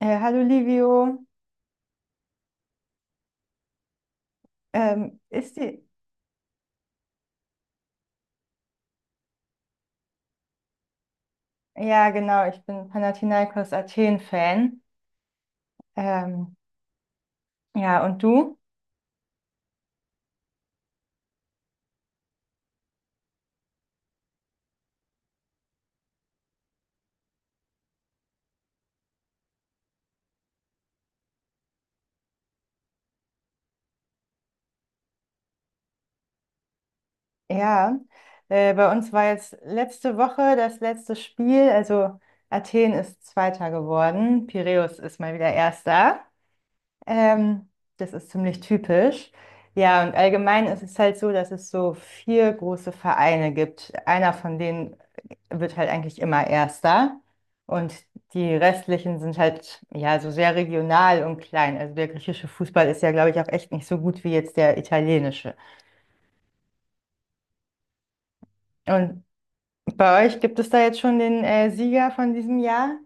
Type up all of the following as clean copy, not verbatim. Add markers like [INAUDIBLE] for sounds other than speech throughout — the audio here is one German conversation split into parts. Hallo Livio, ähm, ist die, ja genau, ich bin Panathinaikos Athen-Fan. Ähm, ja, und du? Ja, bei uns war jetzt letzte Woche das letzte Spiel, also Athen ist Zweiter geworden, Piräus ist mal wieder Erster. Ähm, das ist ziemlich typisch. Ja, und allgemein ist es halt so, dass es so vier große Vereine gibt. Einer von denen wird halt eigentlich immer Erster. Und die restlichen sind halt ja so sehr regional und klein. Also der griechische Fußball ist ja, glaube ich, auch echt nicht so gut wie jetzt der italienische. Und bei euch gibt es da jetzt schon den Sieger von diesem Jahr?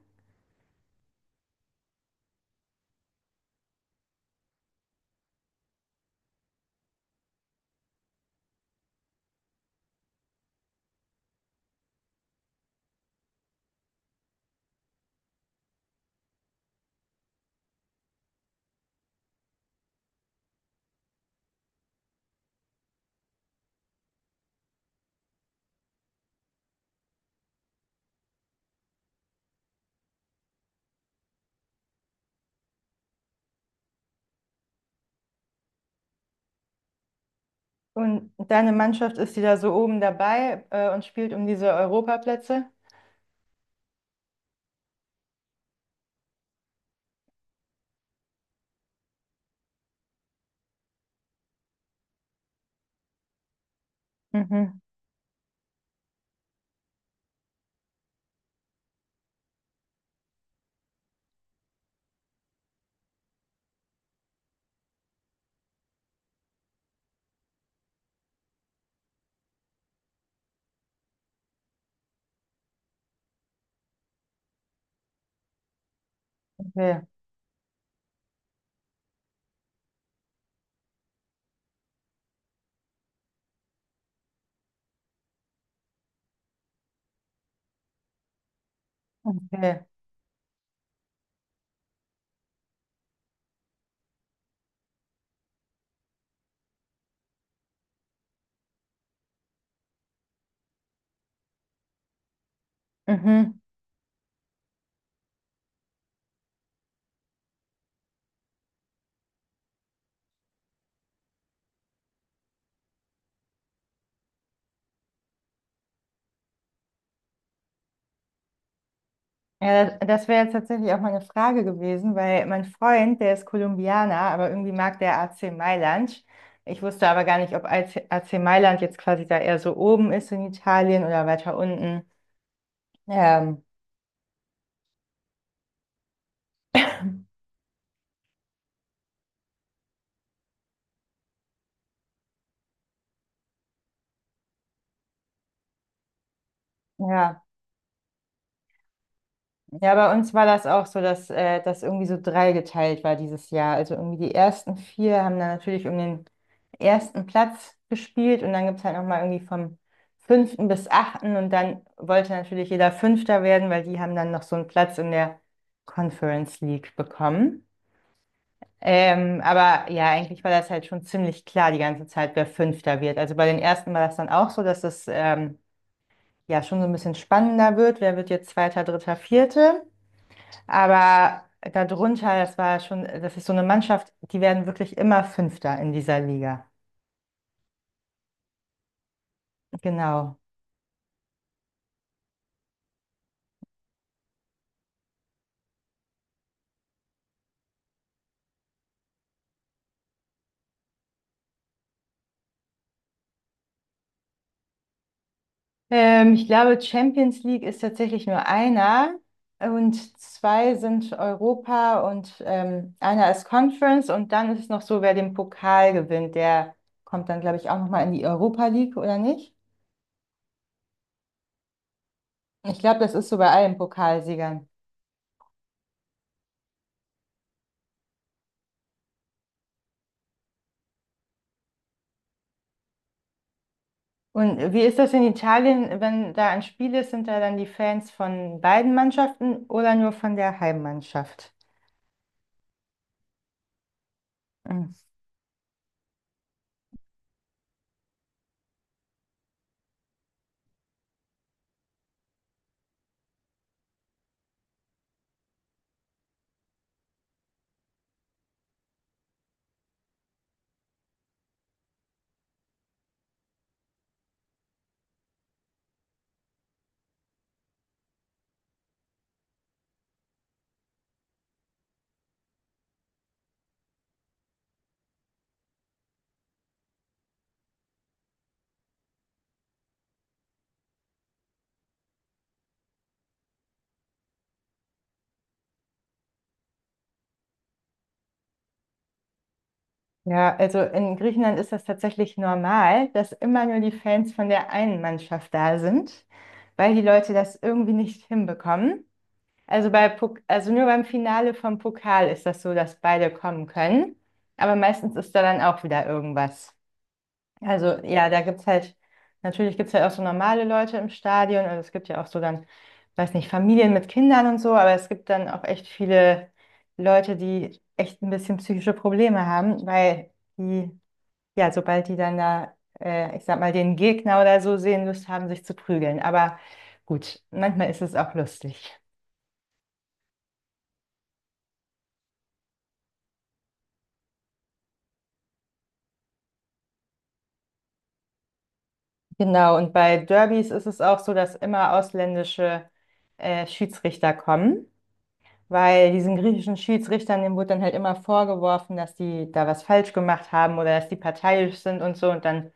Und deine Mannschaft ist die da so oben dabei und spielt um diese Europaplätze? Mhm. Okay. Okay. Mhm. Ja, das, das wäre jetzt tatsächlich auch meine Frage gewesen, weil mein Freund, der ist Kolumbianer, aber irgendwie mag der AC Mailand. Ich wusste aber gar nicht, ob AC Mailand jetzt quasi da eher so oben ist in Italien oder weiter unten. Ähm, ja. Ja, bei uns war das auch so, dass das irgendwie so dreigeteilt war dieses Jahr. Also irgendwie die ersten vier haben dann natürlich um den ersten Platz gespielt und dann gibt es halt nochmal irgendwie vom fünften bis achten und dann wollte natürlich jeder Fünfter werden, weil die haben dann noch so einen Platz in der Conference League bekommen. Aber ja, eigentlich war das halt schon ziemlich klar die ganze Zeit, wer Fünfter wird. Also bei den ersten war das dann auch so, dass es ja schon so ein bisschen spannender wird. Wer wird jetzt Zweiter, Dritter, Vierte? Aber darunter, das war schon, das ist so eine Mannschaft, die werden wirklich immer Fünfter in dieser Liga. Genau. Ich glaube, Champions League ist tatsächlich nur einer und zwei sind Europa und einer ist Conference und dann ist es noch so, wer den Pokal gewinnt, der kommt dann, glaube ich, auch nochmal in die Europa League, oder nicht? Ich glaube, das ist so bei allen Pokalsiegern. Und wie ist das in Italien, wenn da ein Spiel ist, sind da dann die Fans von beiden Mannschaften oder nur von der Heimmannschaft? Mhm. Ja, also in Griechenland ist das tatsächlich normal, dass immer nur die Fans von der einen Mannschaft da sind, weil die Leute das irgendwie nicht hinbekommen. Also bei, also nur beim Finale vom Pokal ist das so, dass beide kommen können. Aber meistens ist da dann auch wieder irgendwas. Also ja, da gibt's halt, natürlich gibt's ja halt auch so normale Leute im Stadion. Also es gibt ja auch so dann, weiß nicht, Familien mit Kindern und so, aber es gibt dann auch echt viele Leute, die echt ein bisschen psychische Probleme haben, weil die, ja, sobald die dann da, ich sag mal, den Gegner oder so sehen, Lust haben, sich zu prügeln. Aber gut, manchmal ist es auch lustig. Genau, und bei Derbys ist es auch so, dass immer ausländische Schiedsrichter kommen. Weil diesen griechischen Schiedsrichtern, dem wurde dann halt immer vorgeworfen, dass die da was falsch gemacht haben oder dass die parteiisch sind und so. Und dann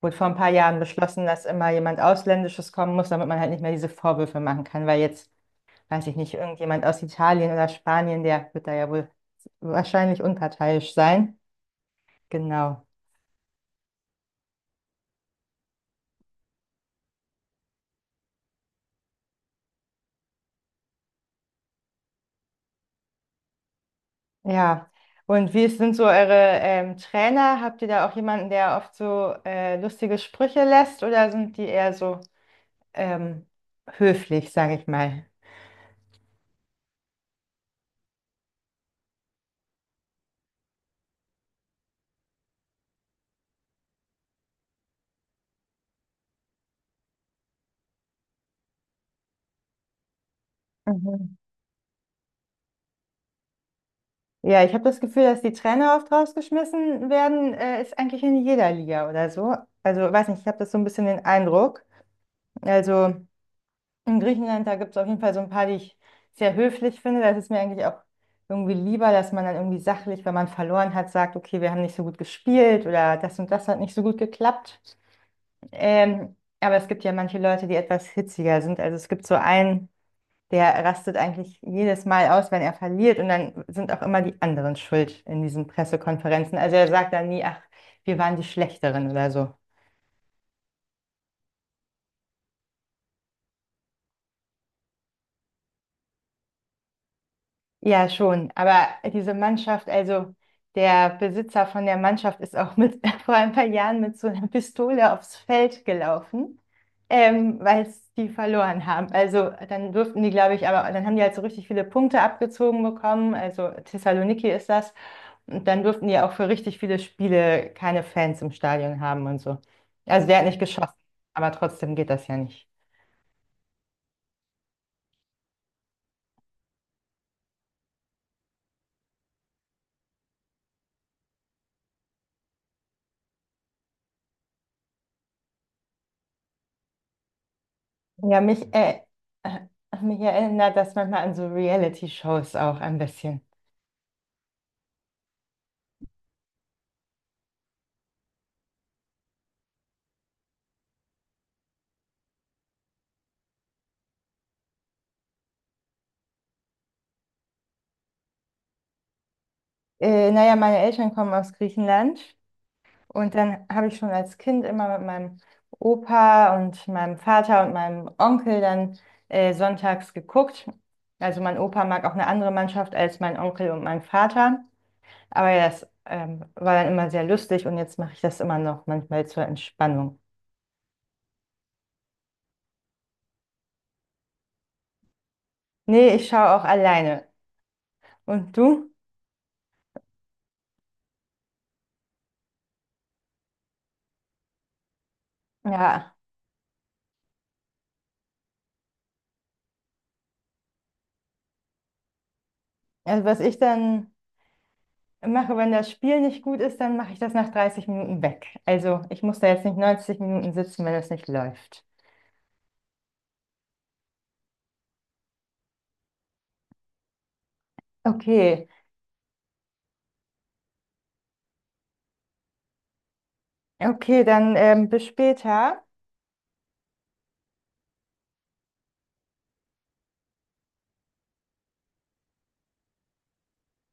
wurde vor ein paar Jahren beschlossen, dass immer jemand Ausländisches kommen muss, damit man halt nicht mehr diese Vorwürfe machen kann. Weil jetzt, weiß ich nicht, irgendjemand aus Italien oder Spanien, der wird da ja wohl wahrscheinlich unparteiisch sein. Genau. Ja. Und wie sind so eure Trainer? Habt ihr da auch jemanden, der oft so lustige Sprüche lässt oder sind die eher so ähm, höflich, sage ich mal? Mhm. Ja, ich habe das Gefühl, dass die Trainer oft rausgeschmissen werden, ist eigentlich in jeder Liga oder so. Also, weiß nicht, ich habe das so ein bisschen den Eindruck. Also, in Griechenland, da gibt es auf jeden Fall so ein paar, die ich sehr höflich finde. Das ist mir eigentlich auch irgendwie lieber, dass man dann irgendwie sachlich, wenn man verloren hat, sagt, okay, wir haben nicht so gut gespielt oder das und das hat nicht so gut geklappt. Aber es gibt ja manche Leute, die etwas hitziger sind. Also, es gibt so einen. Der rastet eigentlich jedes Mal aus, wenn er verliert. Und dann sind auch immer die anderen schuld in diesen Pressekonferenzen. Also er sagt dann nie, ach, wir waren die Schlechteren oder so. Ja, schon. Aber diese Mannschaft, also der Besitzer von der Mannschaft ist auch mit, [LAUGHS] vor ein paar Jahren mit so einer Pistole aufs Feld gelaufen, weil es die verloren haben. Also dann durften die, glaube ich, aber dann haben die halt so richtig viele Punkte abgezogen bekommen. Also Thessaloniki ist das. Und dann durften die auch für richtig viele Spiele keine Fans im Stadion haben und so. Also der hat nicht geschossen, aber trotzdem geht das ja nicht. Ja, äh, mich erinnert das manchmal an so Reality-Shows auch ein bisschen. Naja, meine Eltern kommen aus Griechenland und dann habe ich schon als Kind immer mit meinem Opa und meinem Vater und meinem Onkel dann sonntags geguckt. Also mein Opa mag auch eine andere Mannschaft als mein Onkel und mein Vater. Aber ja, das war dann immer sehr lustig und jetzt mache ich das immer noch manchmal zur Entspannung. Nee, ich schaue auch alleine. Und du? Ja, also was ich dann mache, wenn das Spiel nicht gut ist, dann mache ich das nach 30 Minuten weg. Also ich muss da jetzt nicht 90 Minuten sitzen, wenn es nicht läuft. Okay, okay, dann bis später.